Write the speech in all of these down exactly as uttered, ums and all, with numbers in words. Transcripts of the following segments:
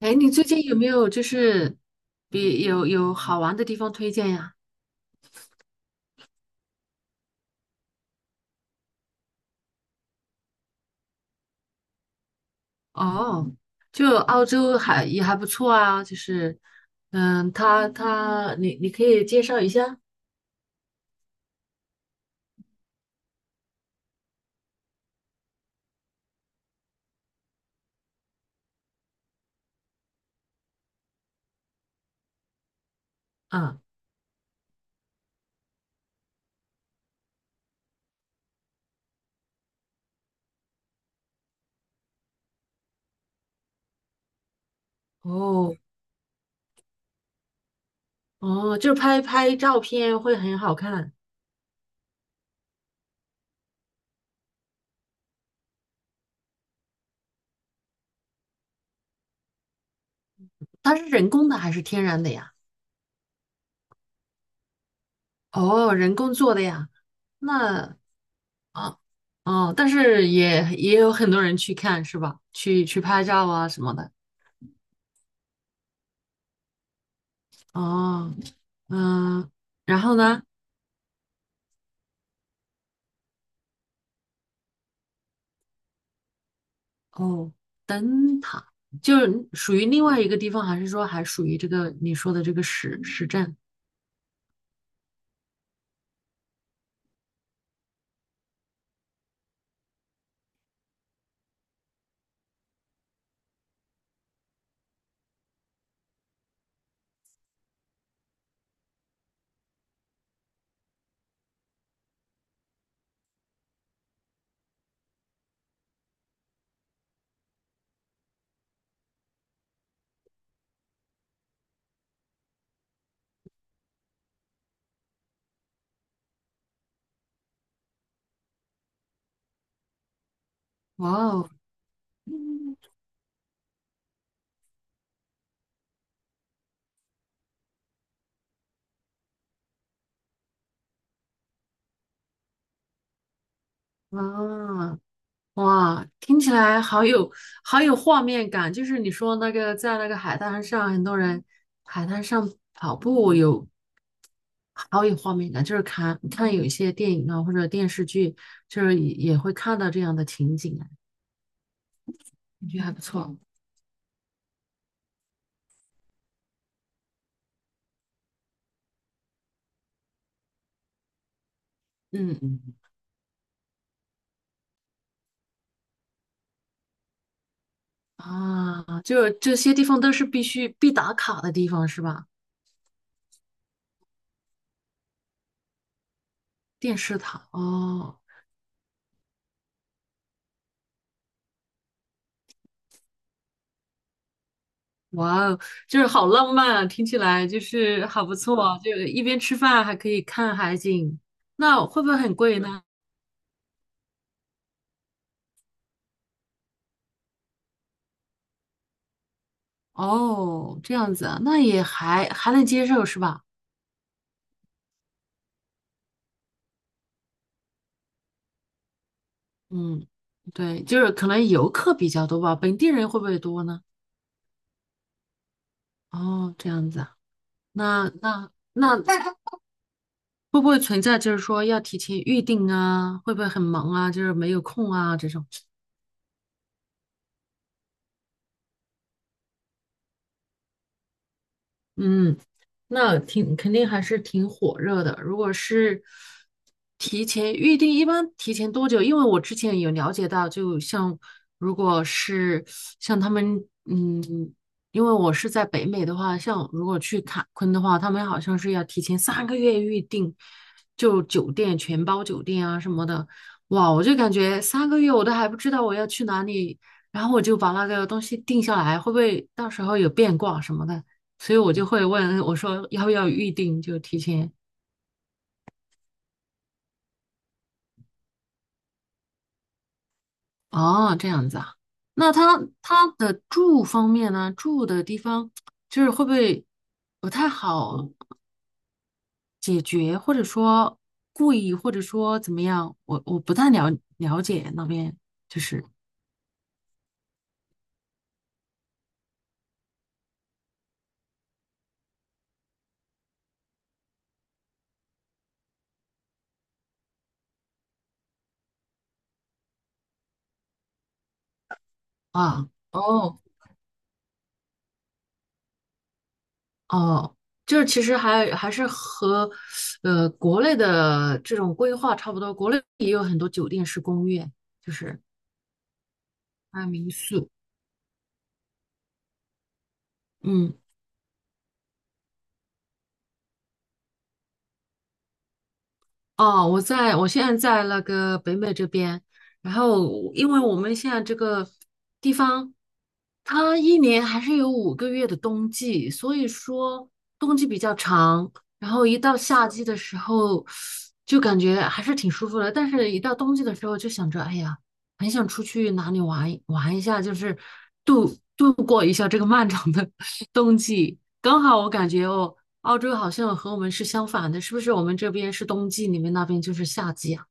哎，你最近有没有就是比有有好玩的地方推荐呀？哦，就澳洲还也还不错啊，就是嗯，他他你你可以介绍一下啊？哦哦，就是拍拍照片会很好看，它是人工的还是天然的呀？哦，人工做的呀？那啊哦，但是也也有很多人去看是吧？去去拍照啊什么的。哦，嗯，然后呢？哦，灯塔就是属于另外一个地方，还是说还属于这个你说的这个市市镇？哇哦，啊，哇，听起来好有好有画面感。就是你说那个在那个海滩上，很多人海滩上跑步有好有画面感，就是看看有一些电影啊或者电视剧，就是也也会看到这样的情景啊，感觉还不错。嗯嗯啊，就这些地方都是必须必打卡的地方是吧？电视塔哦，哇哦，就是好浪漫啊，听起来就是好不错啊，就一边吃饭还可以看海景，那会不会很贵呢？哦，这样子啊，那也还还能接受是吧？嗯，对，就是可能游客比较多吧，本地人会不会多呢？哦，这样子啊，那那那会不会存在就是说要提前预定啊？会不会很忙啊？就是没有空啊这种？嗯，那挺肯定还是挺火热的。如果是提前预定，一般提前多久？因为我之前有了解到，就像如果是像他们，嗯，因为我是在北美的话，像如果去坎昆的话，他们好像是要提前三个月预定，就酒店全包酒店啊什么的。哇，我就感觉三个月我都还不知道我要去哪里，然后我就把那个东西定下来，会不会到时候有变卦什么的？所以我就会问我说要不要预定，就提前。哦，这样子啊。那他他的住方面呢？住的地方就是会不会不太好解决，或者说贵，或者说怎么样？我我不太了了解那边，就是啊，哦，哦，就是其实还还是和呃国内的这种规划差不多，国内也有很多酒店式公寓，就是还有民宿。嗯。哦，我在，我现在在那个北美这边，然后因为我们现在这个地方，它一年还是有五个月的冬季，所以说冬季比较长，然后一到夏季的时候，就感觉还是挺舒服的，但是一到冬季的时候就想着，哎呀，很想出去哪里玩一玩一下，就是度度过一下这个漫长的 冬季。刚好我感觉哦。澳洲好像和我们是相反的，是不是？我们这边是冬季，你们那边就是夏季啊？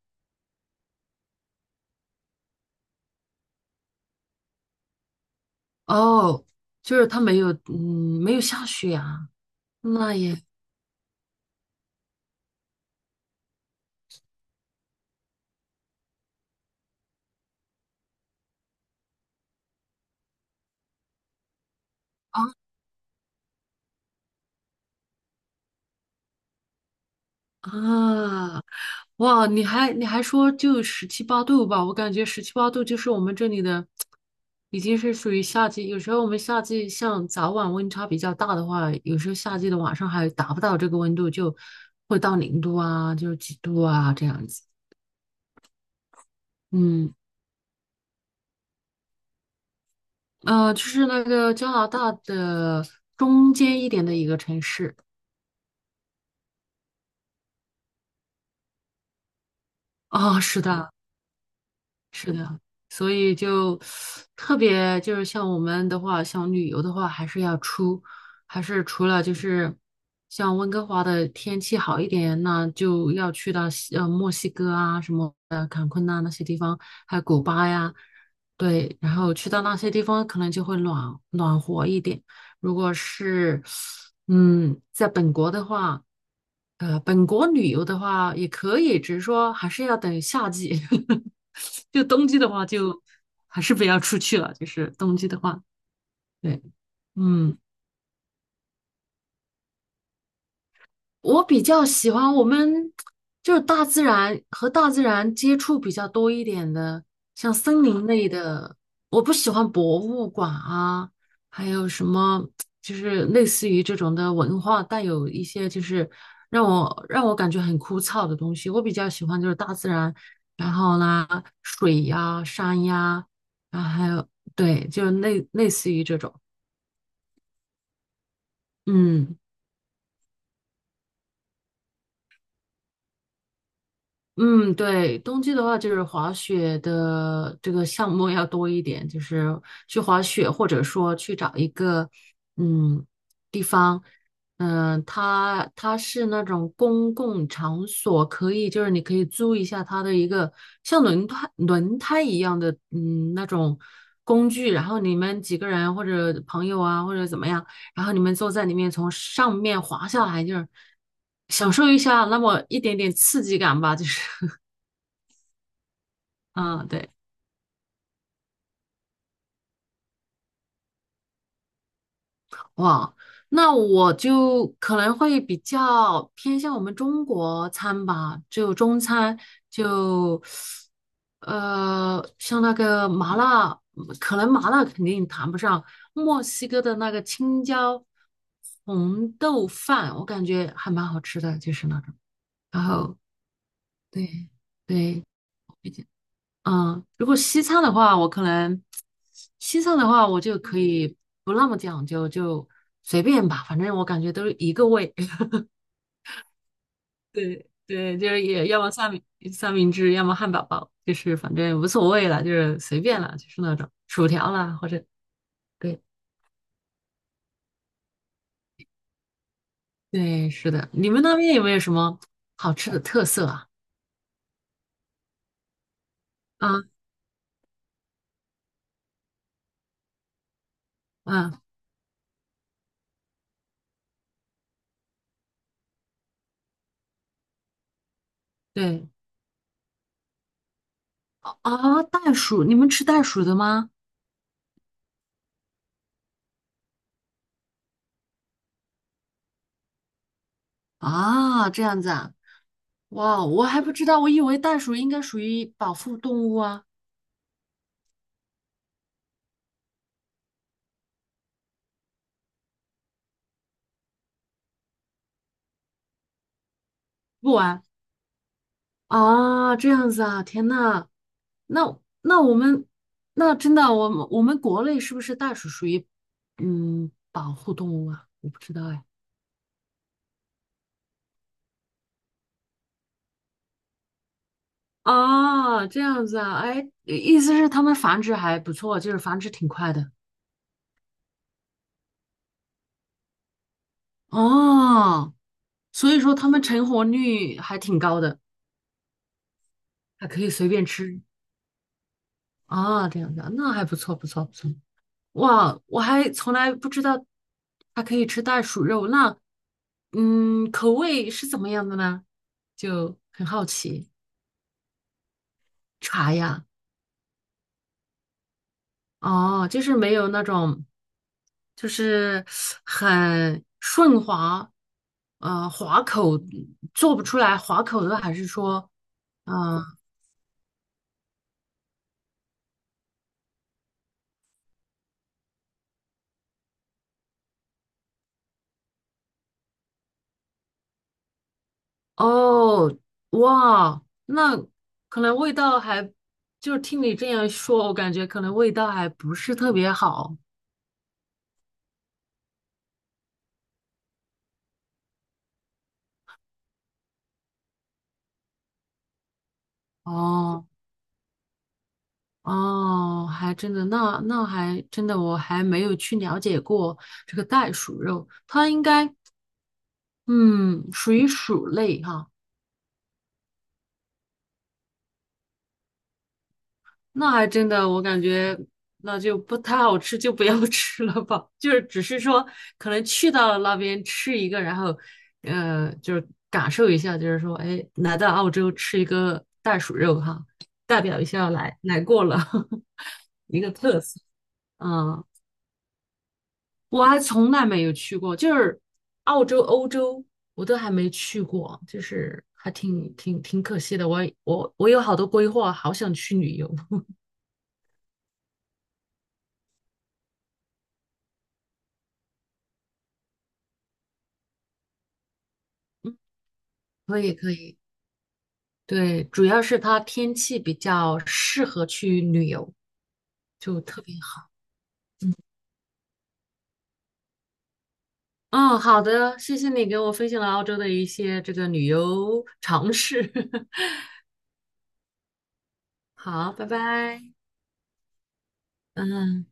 哦，就是它没有，嗯，没有下雪啊。那也啊，哇，你还你还说就十七八度吧？我感觉十七八度就是我们这里的，已经是属于夏季。有时候我们夏季像早晚温差比较大的话，有时候夏季的晚上还达不到这个温度，就会到零度啊，就是几度啊这样子。嗯。呃，就是那个加拿大的中间一点的一个城市啊，是的，是的，所以就特别就是像我们的话，想旅游的话，还是要出，还是除了就是像温哥华的天气好一点，那就要去到西呃墨西哥啊什么的坎昆呐、那些地方，还有古巴呀，对，然后去到那些地方可能就会暖暖和一点。如果是嗯在本国的话，呃本国旅游的话也可以，只是说还是要等夏季。就冬季的话就还是不要出去了，就是冬季的话，对，嗯。我比较喜欢我们就是大自然和大自然接触比较多一点的，像森林类的。我不喜欢博物馆啊，还有什么就是类似于这种的文化带有一些就是让我让我感觉很枯燥的东西。我比较喜欢就是大自然，然后呢，水呀、山呀，然后还有对，就类类似于这种，嗯。嗯，对，冬季的话就是滑雪的这个项目要多一点，就是去滑雪，或者说去找一个嗯地方，嗯、它它是那种公共场所，可以就是你可以租一下它的一个像轮胎轮胎一样的嗯那种工具，然后你们几个人或者朋友啊或者怎么样，然后你们坐在里面从上面滑下来，就是享受一下那么一点点刺激感吧，就是。嗯，对，哇，那我就可能会比较偏向我们中国餐吧，就中餐，就呃，像那个麻辣，可能麻辣肯定谈不上，墨西哥的那个青椒红豆饭，我感觉还蛮好吃的，就是那种。然后对对，嗯，如果西餐的话，我可能西餐的话，我就可以不那么讲究，就随便吧，反正我感觉都是一个味。对对，就是也要么三明三明治，要么汉堡包，就是反正无所谓了，就是随便了，就是那种薯条啦，或者对对，是的。你们那边有没有什么好吃的特色啊？啊啊，对啊，袋鼠，你们吃袋鼠的吗？啊，这样子啊。哇，我还不知道，我以为袋鼠应该属于保护动物啊。不玩，啊，这样子啊，天呐，那那我们那真的，我们我们国内是不是袋鼠属于嗯保护动物啊？我不知道哎。啊，这样子啊，哎，意思是它们繁殖还不错，就是繁殖挺快的。哦，所以说它们成活率还挺高的，还可以随便吃。啊，这样子啊，那还不错，不错，不错。哇，我还从来不知道它可以吃袋鼠肉，那嗯，口味是怎么样的呢？就很好奇。茶呀，哦，就是没有那种，就是很顺滑，呃，滑口做不出来滑口的，还是说，嗯、哦，哇，那可能味道还，就是听你这样说，我感觉可能味道还不是特别好。哦。哦，还真的，那那还真的，我还没有去了解过这个袋鼠肉，它应该嗯属于鼠类哈、那还真的，我感觉那就不太好吃，就不要 吃了吧。就是只是说可能去到了那边吃一个，然后呃就是感受一下，就是说哎来到澳洲吃一个袋鼠肉哈、代表一下来来过了 一个特色，嗯。我还从来没有去过，就是澳洲、欧洲我都还没去过，就是还挺挺挺可惜的。我我我有好多规划，好想去旅游。可以可以，对，主要是它天气比较适合去旅游，就特别好。嗯，好的，谢谢你给我分享了澳洲的一些这个旅游常识。好，拜拜。嗯。